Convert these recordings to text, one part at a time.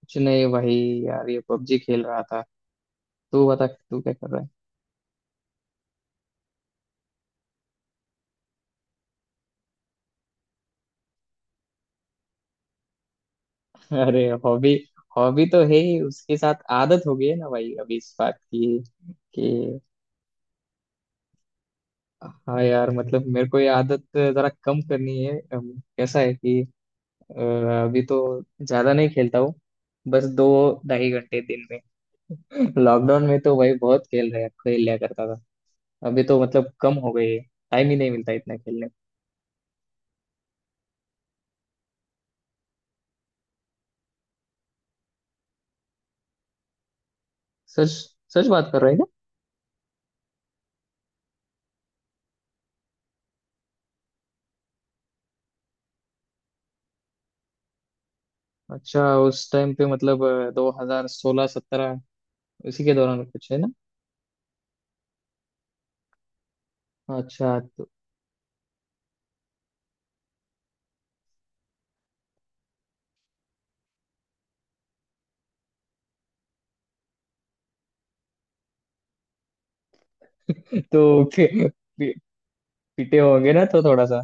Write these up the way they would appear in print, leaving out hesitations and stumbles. कुछ नहीं भाई। यार ये पबजी खेल रहा था। तू बता, तू क्या कर रहा है। अरे हॉबी, हॉबी तो है ही। उसके साथ आदत हो गई है ना भाई, अभी इस बात की कि हाँ यार, मतलब मेरे को ये आदत जरा कम करनी है। कैसा है कि अ, अभी तो ज्यादा नहीं खेलता हूँ। बस 2 2.5 घंटे दिन में। लॉकडाउन में तो भाई बहुत खेल लिया करता था। अभी तो मतलब कम हो गई है, टाइम ही नहीं मिलता इतना खेलने को। सच। सच बात कर रहे। अच्छा, उस टाइम पे मतलब 2016-17 उसी के दौरान कुछ है ना। अच्छा तो पी, पीटे होंगे ना तो थोड़ा सा।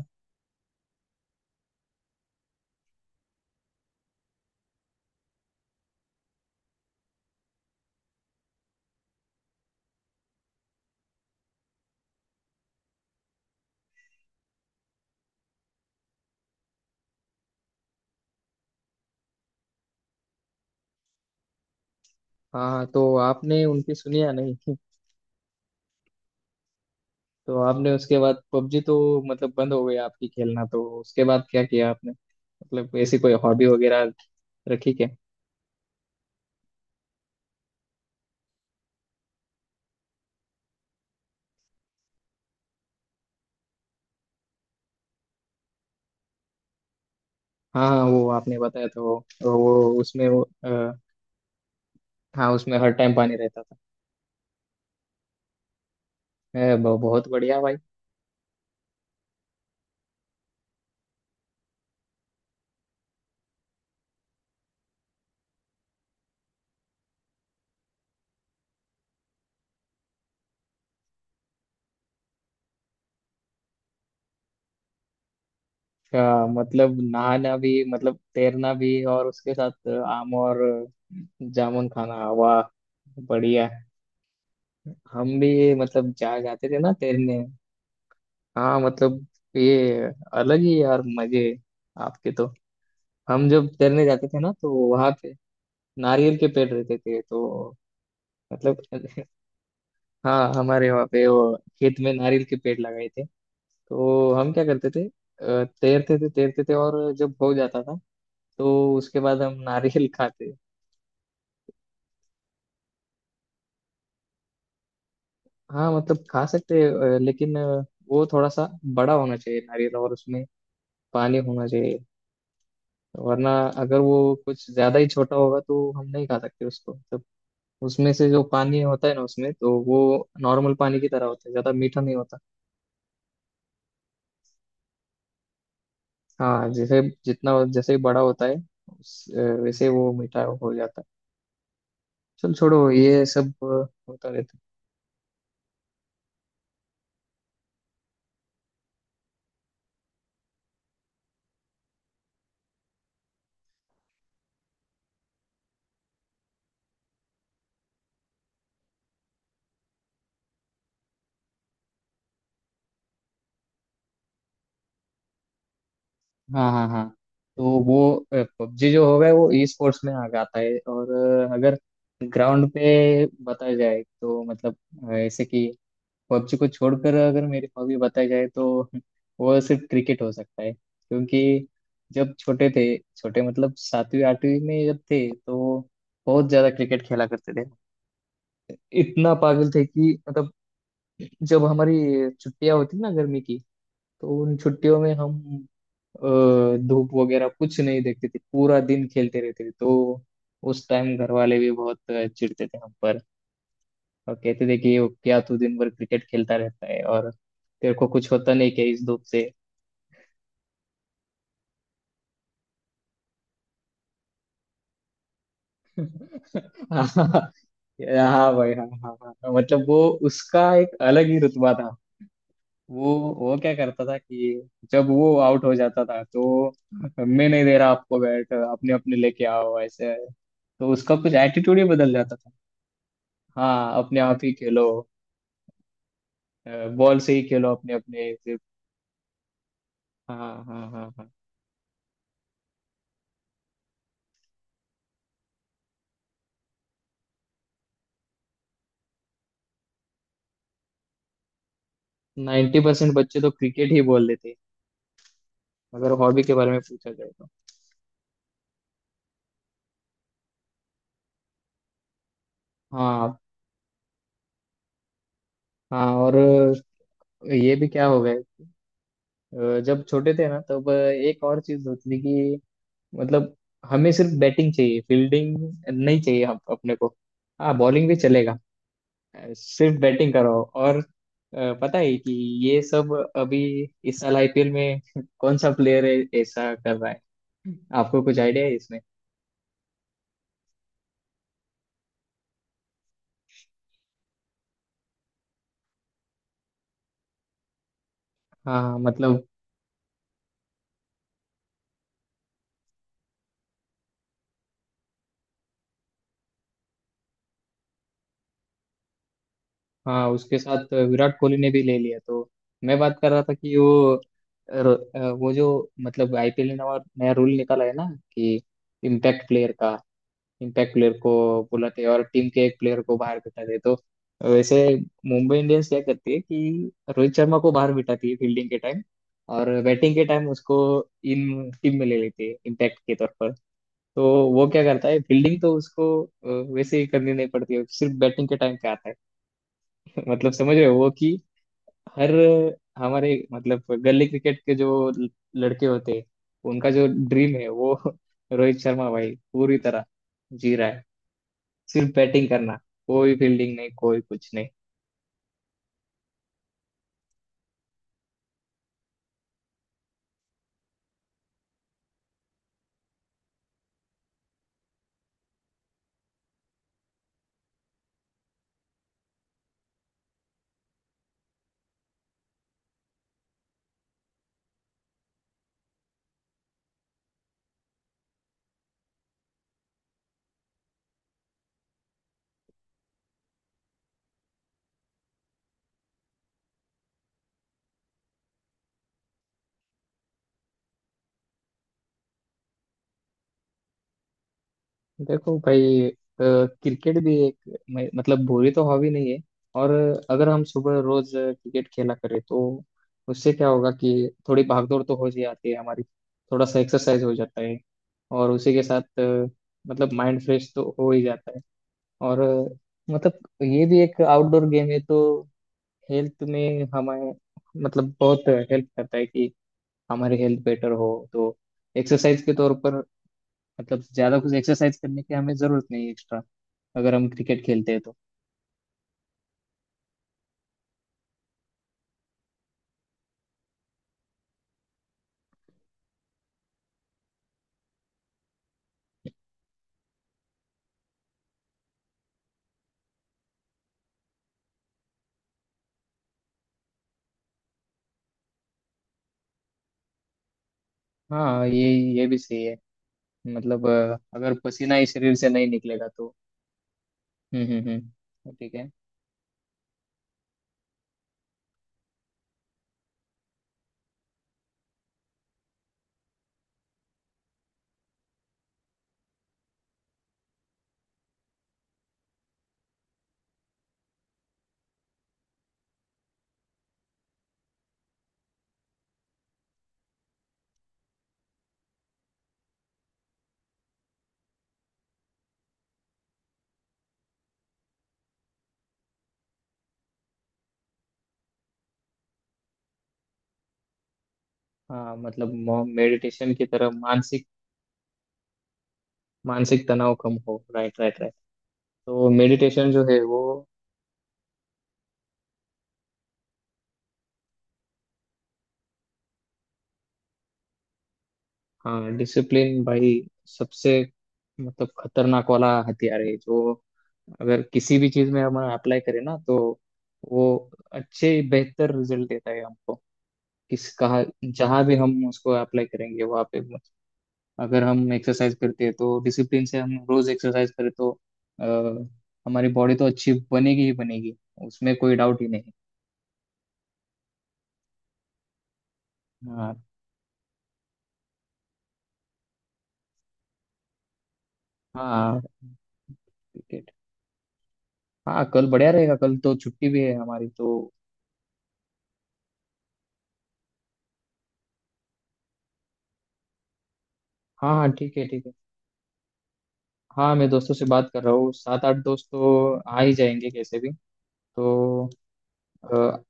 हाँ हाँ, तो आपने उनकी सुनी या नहीं। तो आपने उसके बाद पबजी तो मतलब बंद हो गई आपकी खेलना, तो उसके बाद क्या किया आपने? मतलब ऐसी कोई हॉबी वगैरह रखी क्या? हाँ हाँ, वो आपने बताया था वो। वो उसमें वो, हाँ उसमें हर टाइम पानी रहता था। बहुत बढ़िया भाई। क्या मतलब, नहाना भी मतलब तैरना भी और उसके साथ आम और जामुन खाना, वाह बढ़िया। हम भी मतलब जा जाते थे ना तैरने। हाँ मतलब ये अलग ही यार मजे आपके तो। हम जब तैरने जाते थे ना तो वहां पे नारियल के पेड़ रहते थे तो मतलब हाँ हमारे वहाँ पे वो खेत में नारियल के पेड़ लगाए थे। तो हम क्या करते थे, तैरते थे तैरते थे और जब हो जाता था तो उसके बाद हम नारियल खाते। हाँ मतलब खा सकते हैं। लेकिन वो थोड़ा सा बड़ा होना चाहिए नारियल और उसमें पानी होना चाहिए। वरना अगर वो कुछ ज्यादा ही छोटा होगा तो हम नहीं खा सकते उसको। मतलब उसमें से जो पानी होता है ना, उसमें तो वो नॉर्मल पानी की तरह होता है, ज्यादा मीठा नहीं होता। हाँ जैसे जितना जैसे ही बड़ा होता है उस, वैसे वो मीठा हो जाता है। चल छोड़ो ये सब, होता रहता है। हाँ हाँ हाँ। तो वो पबजी जो होगा वो ई स्पोर्ट्स में आ जाता है। और अगर ग्राउंड पे बताया जाए तो मतलब ऐसे कि पबजी को छोड़कर अगर मेरी हॉबी बताई जाए तो वो सिर्फ क्रिकेट हो सकता है क्योंकि जब छोटे थे, छोटे मतलब सातवीं आठवीं में जब थे, तो बहुत ज्यादा क्रिकेट खेला करते थे। इतना पागल थे कि मतलब जब हमारी छुट्टियां होती ना गर्मी की, तो उन छुट्टियों में हम धूप वगैरह कुछ नहीं देखते थे, पूरा दिन खेलते रहते थे। तो उस टाइम घर वाले भी बहुत चिढ़ते थे हम पर और कहते थे कि "ओ, क्या तू दिन भर क्रिकेट खेलता रहता है और तेरे को कुछ होता नहीं क्या इस धूप से"। हाँ हाँ भाई, हाँ हाँ हाँ, मतलब वो उसका एक अलग ही रुतबा था। वो वो क्या करता था कि जब वो आउट हो जाता था तो मैं नहीं दे रहा आपको बैट, अपने अपने लेके आओ ऐसे। तो उसका कुछ एटीट्यूड ही बदल जाता था। हाँ अपने आप ही खेलो, बॉल से ही खेलो अपने अपने सिर्फ। हाँ हाँ हाँ हाँ, 90% बच्चे तो क्रिकेट ही बोल देते हैं, अगर हॉबी के बारे में पूछा जाए तो। हाँ हाँ। और ये भी क्या हो गया, जब छोटे थे ना तब एक और चीज होती थी। मतलब हमें सिर्फ बैटिंग चाहिए, फील्डिंग नहीं चाहिए, हम अपने को। हाँ बॉलिंग भी चलेगा, सिर्फ बैटिंग कराओ। और पता है कि ये सब अभी इस साल आईपीएल में कौन सा प्लेयर है ऐसा कर रहा है? आपको कुछ आइडिया है इसमें? हाँ मतलब हाँ, उसके साथ विराट कोहली ने भी ले लिया तो। मैं बात कर रहा था कि वो वो जो मतलब आईपीएल ने नया रूल निकाला है ना कि इम्पैक्ट प्लेयर का, इम्पैक्ट प्लेयर को बुलाते हैं और टीम के एक प्लेयर को बाहर बिठाते हैं। तो वैसे मुंबई इंडियंस क्या करती है कि रोहित शर्मा को बाहर बिठाती है फील्डिंग के टाइम, और बैटिंग के टाइम उसको इन टीम में ले लेती है इम्पैक्ट के तौर पर। तो वो क्या करता है, फील्डिंग तो उसको वैसे ही करनी नहीं पड़ती है, सिर्फ बैटिंग के टाइम पे आता है। मतलब समझ रहे हो वो कि हर हमारे मतलब गली क्रिकेट के जो लड़के होते हैं, उनका जो ड्रीम है वो रोहित शर्मा भाई पूरी तरह जी रहा है। सिर्फ बैटिंग करना, कोई फील्डिंग नहीं, कोई कुछ नहीं। देखो भाई, क्रिकेट भी एक मतलब बुरी तो हॉबी नहीं है। और अगर हम सुबह रोज क्रिकेट खेला करें तो उससे क्या होगा कि थोड़ी भागदौड़ तो हो ही जाती है हमारी, थोड़ा सा एक्सरसाइज हो जाता है। और उसी के साथ मतलब माइंड फ्रेश तो हो ही जाता है। और मतलब ये भी एक आउटडोर गेम है तो हेल्थ में हमें मतलब बहुत हेल्प करता है कि हमारी हेल्थ बेटर हो। तो एक्सरसाइज के तौर पर मतलब ज्यादा कुछ एक्सरसाइज करने की हमें जरूरत नहीं है एक्स्ट्रा, अगर हम क्रिकेट खेलते हैं तो। हाँ ये भी सही है। मतलब अगर पसीना ही शरीर से नहीं निकलेगा तो। हम्म। तो ठीक है। हाँ मतलब मेडिटेशन की तरह मानसिक, मानसिक तनाव कम हो, राइट राइट राइट। तो मेडिटेशन जो है वो हाँ डिसिप्लिन भाई सबसे मतलब खतरनाक वाला हथियार है, जो अगर किसी भी चीज में हम अप्लाई करें ना तो वो अच्छे बेहतर रिजल्ट देता है हमको, किस कहा जहाँ भी हम उसको अप्लाई करेंगे वहाँ पे। अगर हम एक्सरसाइज करते हैं तो डिसिप्लिन से हम रोज एक्सरसाइज करें तो अ, हमारी बॉडी तो अच्छी बनेगी ही बनेगी, उसमें कोई डाउट ही नहीं। हाँ। हाँ क्रिकेट, हाँ कल बढ़िया रहेगा, कल तो छुट्टी भी है हमारी तो। हाँ हाँ ठीक है ठीक है। हाँ मैं दोस्तों से बात कर रहा हूँ, सात आठ दोस्त तो आ ही जाएंगे कैसे भी। तो अ,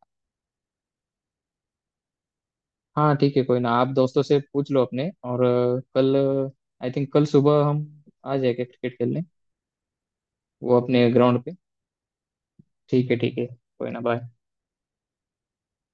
हाँ ठीक है, कोई ना आप दोस्तों से पूछ लो अपने, और कल आई थिंक कल सुबह हम आ जाएंगे क्रिकेट खेलने, वो अपने ग्राउंड पे। ठीक है कोई ना बाय।